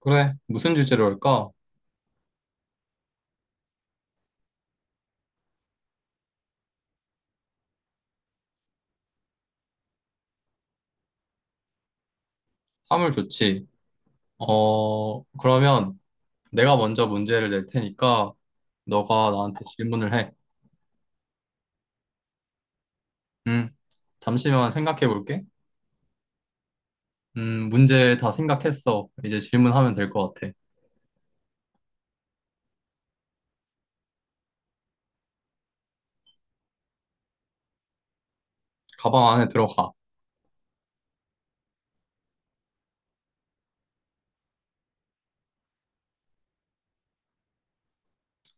그래, 무슨 주제로 할까? 사물 좋지. 그러면 내가 먼저 문제를 낼 테니까 너가 나한테 질문을 해. 음, 잠시만 생각해 볼게. 문제 다 생각했어. 이제 질문하면 될 것 같아. 가방 안에 들어가.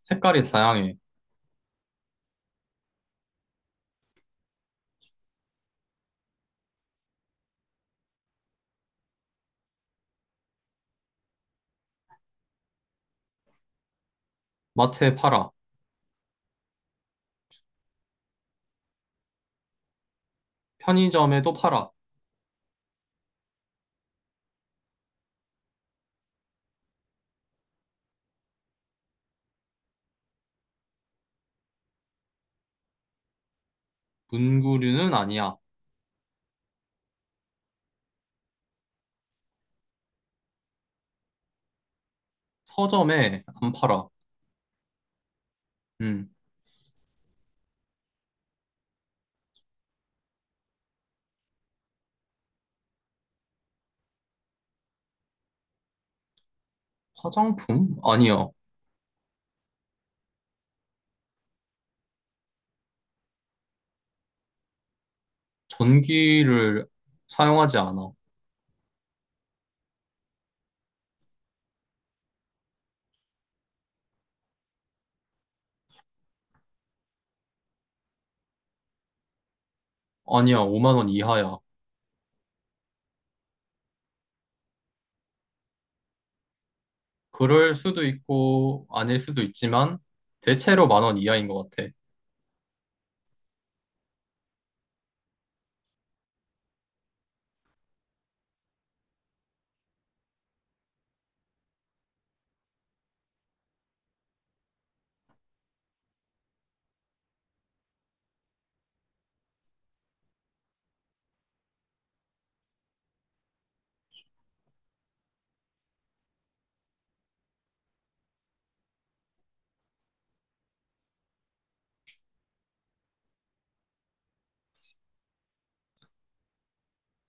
색깔이 다양해. 마트에 팔아. 편의점에도 팔아. 문구류는 아니야. 서점에 안 팔아. 음, 화장품? 아니야. 전기를 사용하지 않아. 아니야, 5만 원 이하야. 그럴 수도 있고 아닐 수도 있지만 대체로 10,000원 이하인 것 같아.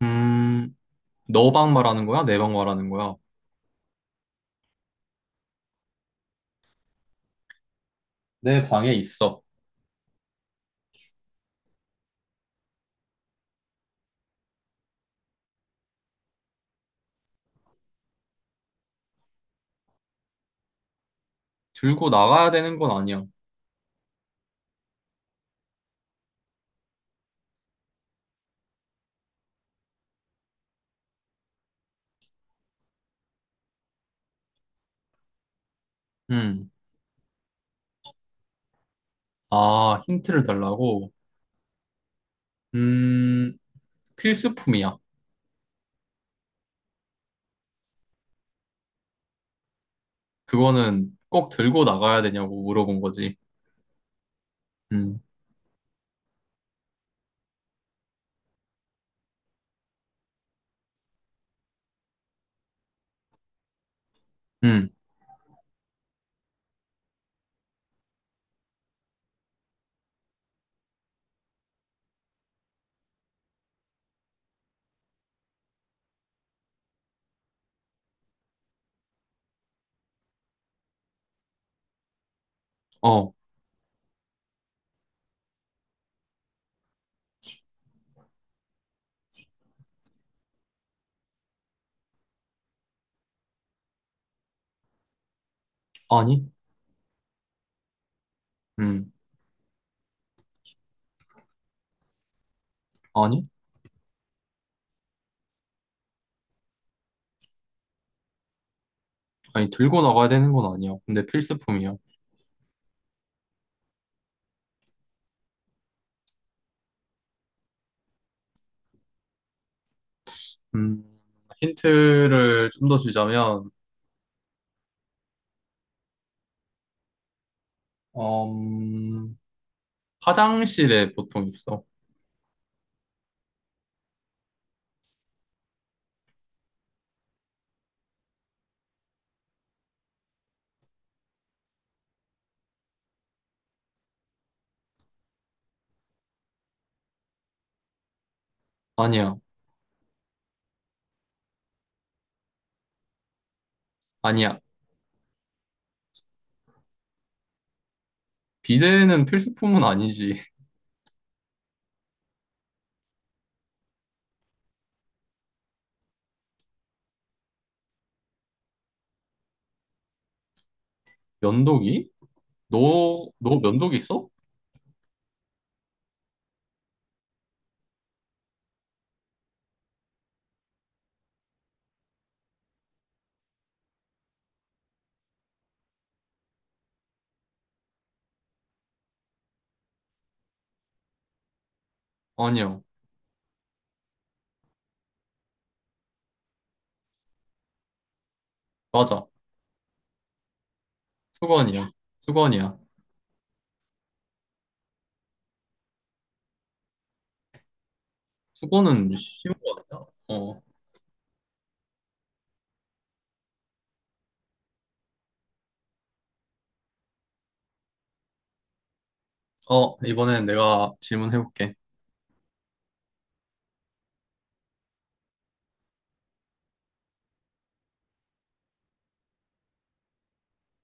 음, 너 방 말하는 거야? 내 방 말하는 거야? 내 방에 있어. 들고 나가야 되는 건 아니야. 음, 아, 힌트를 달라고? 음, 필수품이야. 그거는 꼭 들고 나가야 되냐고 물어본 거지. 음, 음, 어, 아니? 음, 아니? 아니, 들고 나가야 되는 건 아니야. 근데 필수품이야. 음, 힌트를 좀 더 주자면, 음, 화장실에 보통 있어. 아니야, 아니야. 비데는 필수품은 아니지. 면도기? 너 면도기 있어? 아니야. 맞아. 수건이야. 수건이야. 수건은 쉬운 거 같다. 어. 이번엔 내가 질문해볼게.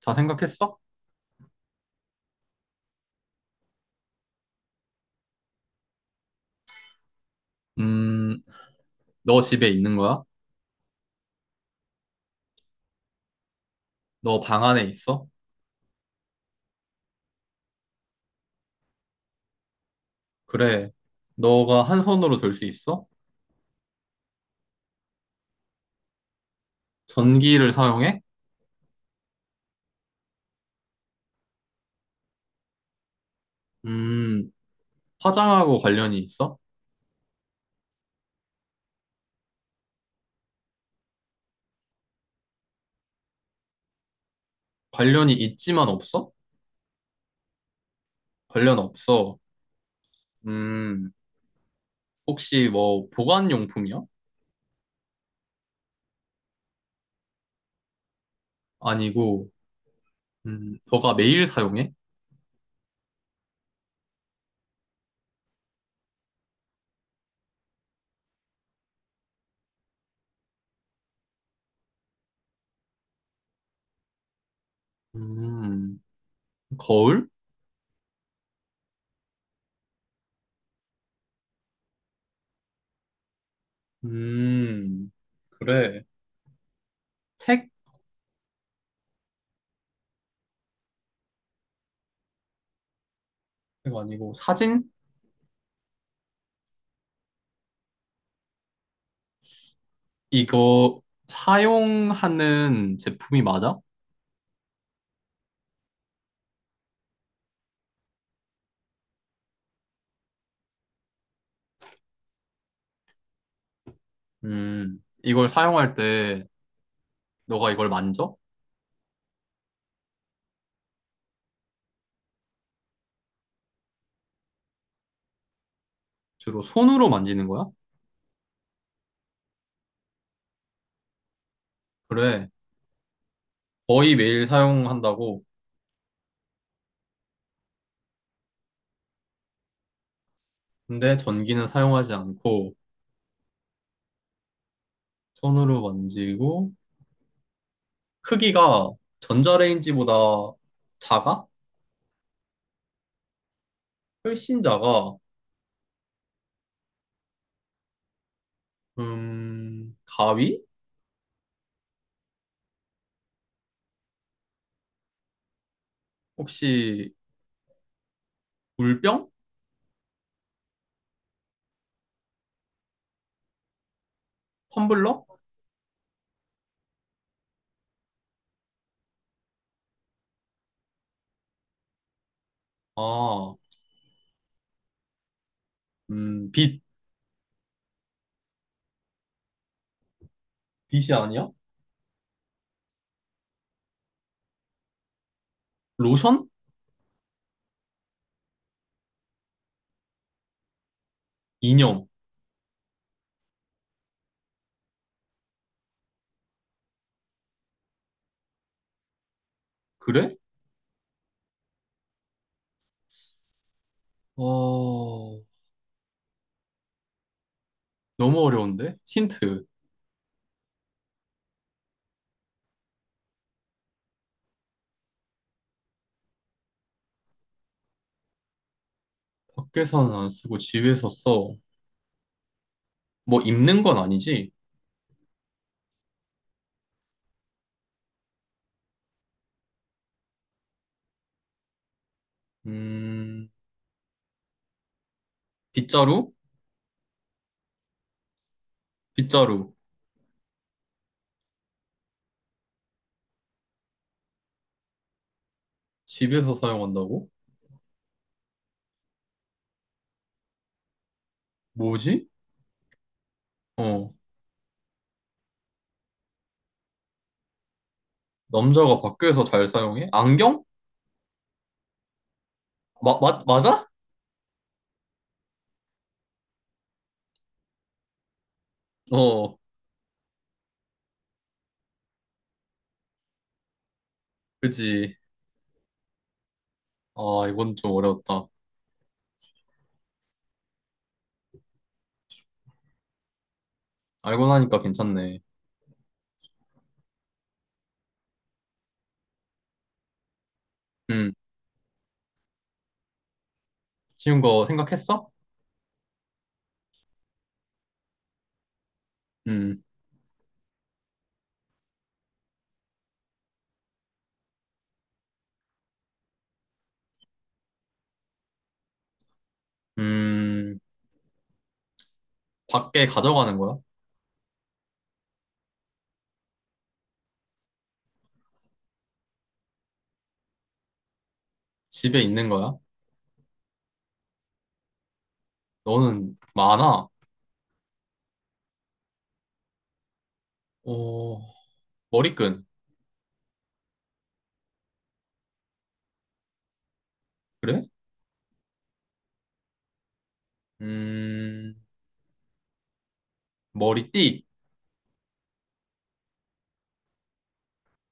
다 생각했어? 음, 너 집에 있는 거야? 너 방 안에 있어? 그래. 너가 한 손으로 들 수 있어? 전기를 사용해? 음, 화장하고 관련이 있어? 관련이 있지만 없어? 관련 없어. 음, 혹시 뭐 보관용품이야? 아니고, 너가 매일 사용해? 음, 거울? 음, 그래. 책? 이거 아니고 사진? 이거 사용하는 제품이 맞아? 이걸 사용할 때 너가 이걸 만져? 주로 손으로 만지는 거야? 그래. 거의 매일 사용한다고. 근데 전기는 사용하지 않고 손으로 만지고 크기가 전자레인지보다 작아? 혈신자가 가위? 혹시 물병? 텀블러? 아, 빛. 빛이 아니야? 로션? 이념. 그래? 어, 너무 어려운데? 힌트. 밖에서는 안 쓰고 집에서 써. 뭐 입는 건 아니지? 음, 빗자루? 빗자루. 집에서 사용한다고? 뭐지? 어, 남자가 밖에서 잘 사용해? 안경? 맞아? 어, 그지. 아, 이건 좀 어려웠다. 알고 나니까 괜찮네. 음, 쉬운 거 생각했어? 음, 음, 밖에 가져가는 거야? 집에 있는 거야? 너는 많아? 어, 머리끈. 그래? 음, 머리띠.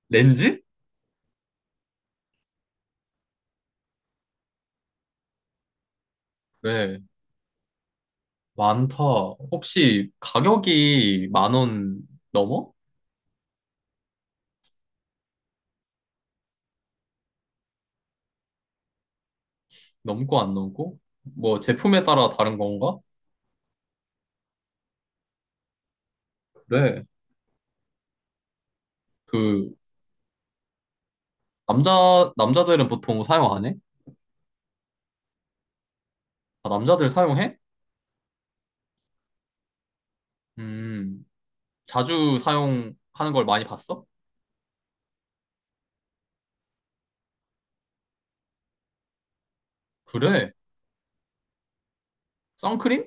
렌즈? 그래, 많다. 혹시 가격이 10,000원 넘어? 넘고 안 넘고? 뭐 제품에 따라 다른 건가? 그래, 그, 남자들은 보통 사용 안 해? 아, 남자들 사용해? 음. 자주 사용하는 걸 많이 봤어? 그래. 선크림?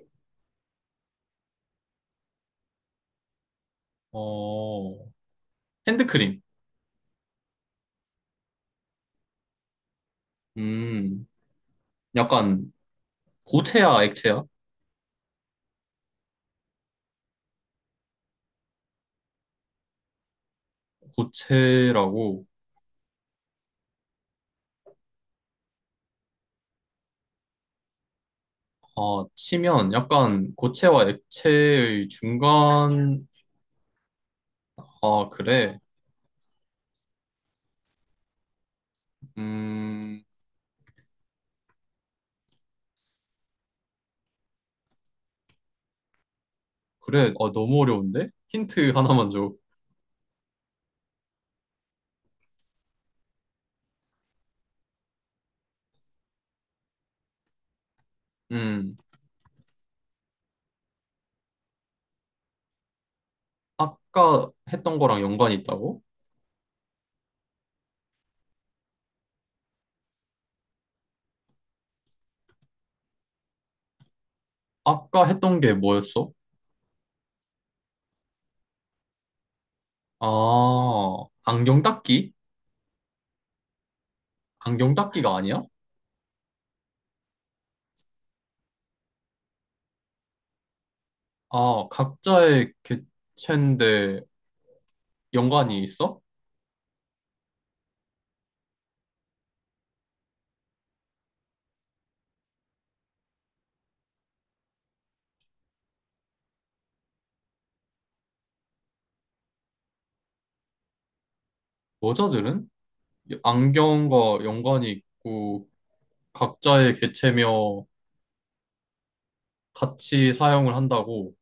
어, 핸드크림. 음, 약간 고체야, 액체야? 고체라고 아, 치면 약간 고체와 액체의 중간, 아, 그래. 음, 그래. 아, 너무 어려운데? 힌트 하나만 줘. 음, 아까 했던 거랑 연관이 있다고? 아까 했던 게 뭐였어? 아, 안경 닦기? 안경 닦기가 아니야? 아, 각자의 개체인데 연관이 있어? 여자들은? 안경과 연관이 있고 각자의 개체며 같이 사용을 한다고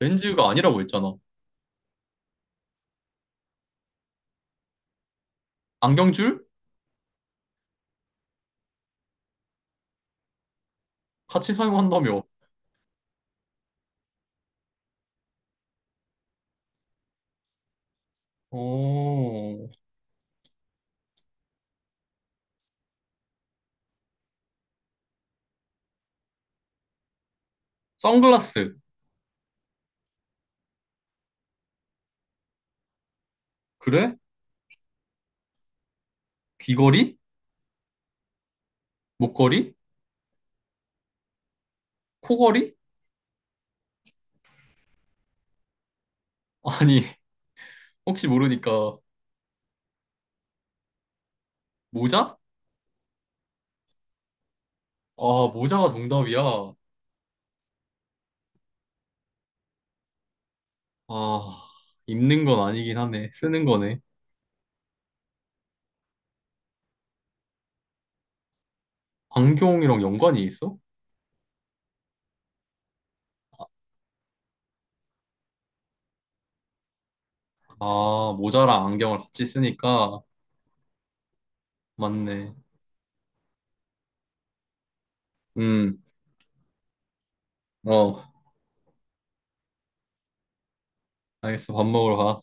렌즈가 아니라고 했잖아. 안경줄? 같이 사용한다며. 어, 선글라스. 그래? 귀걸이? 목걸이? 코걸이? 아니, 혹시 모르니까 모자? 아, 모자가 정답이야. 아, 입는 건 아니긴 하네. 쓰는 거네. 안경이랑 연관이 있어? 아, 모자랑 안경을 같이 쓰니까 맞네. 음, 어, 알겠어. 밥 먹으러 가.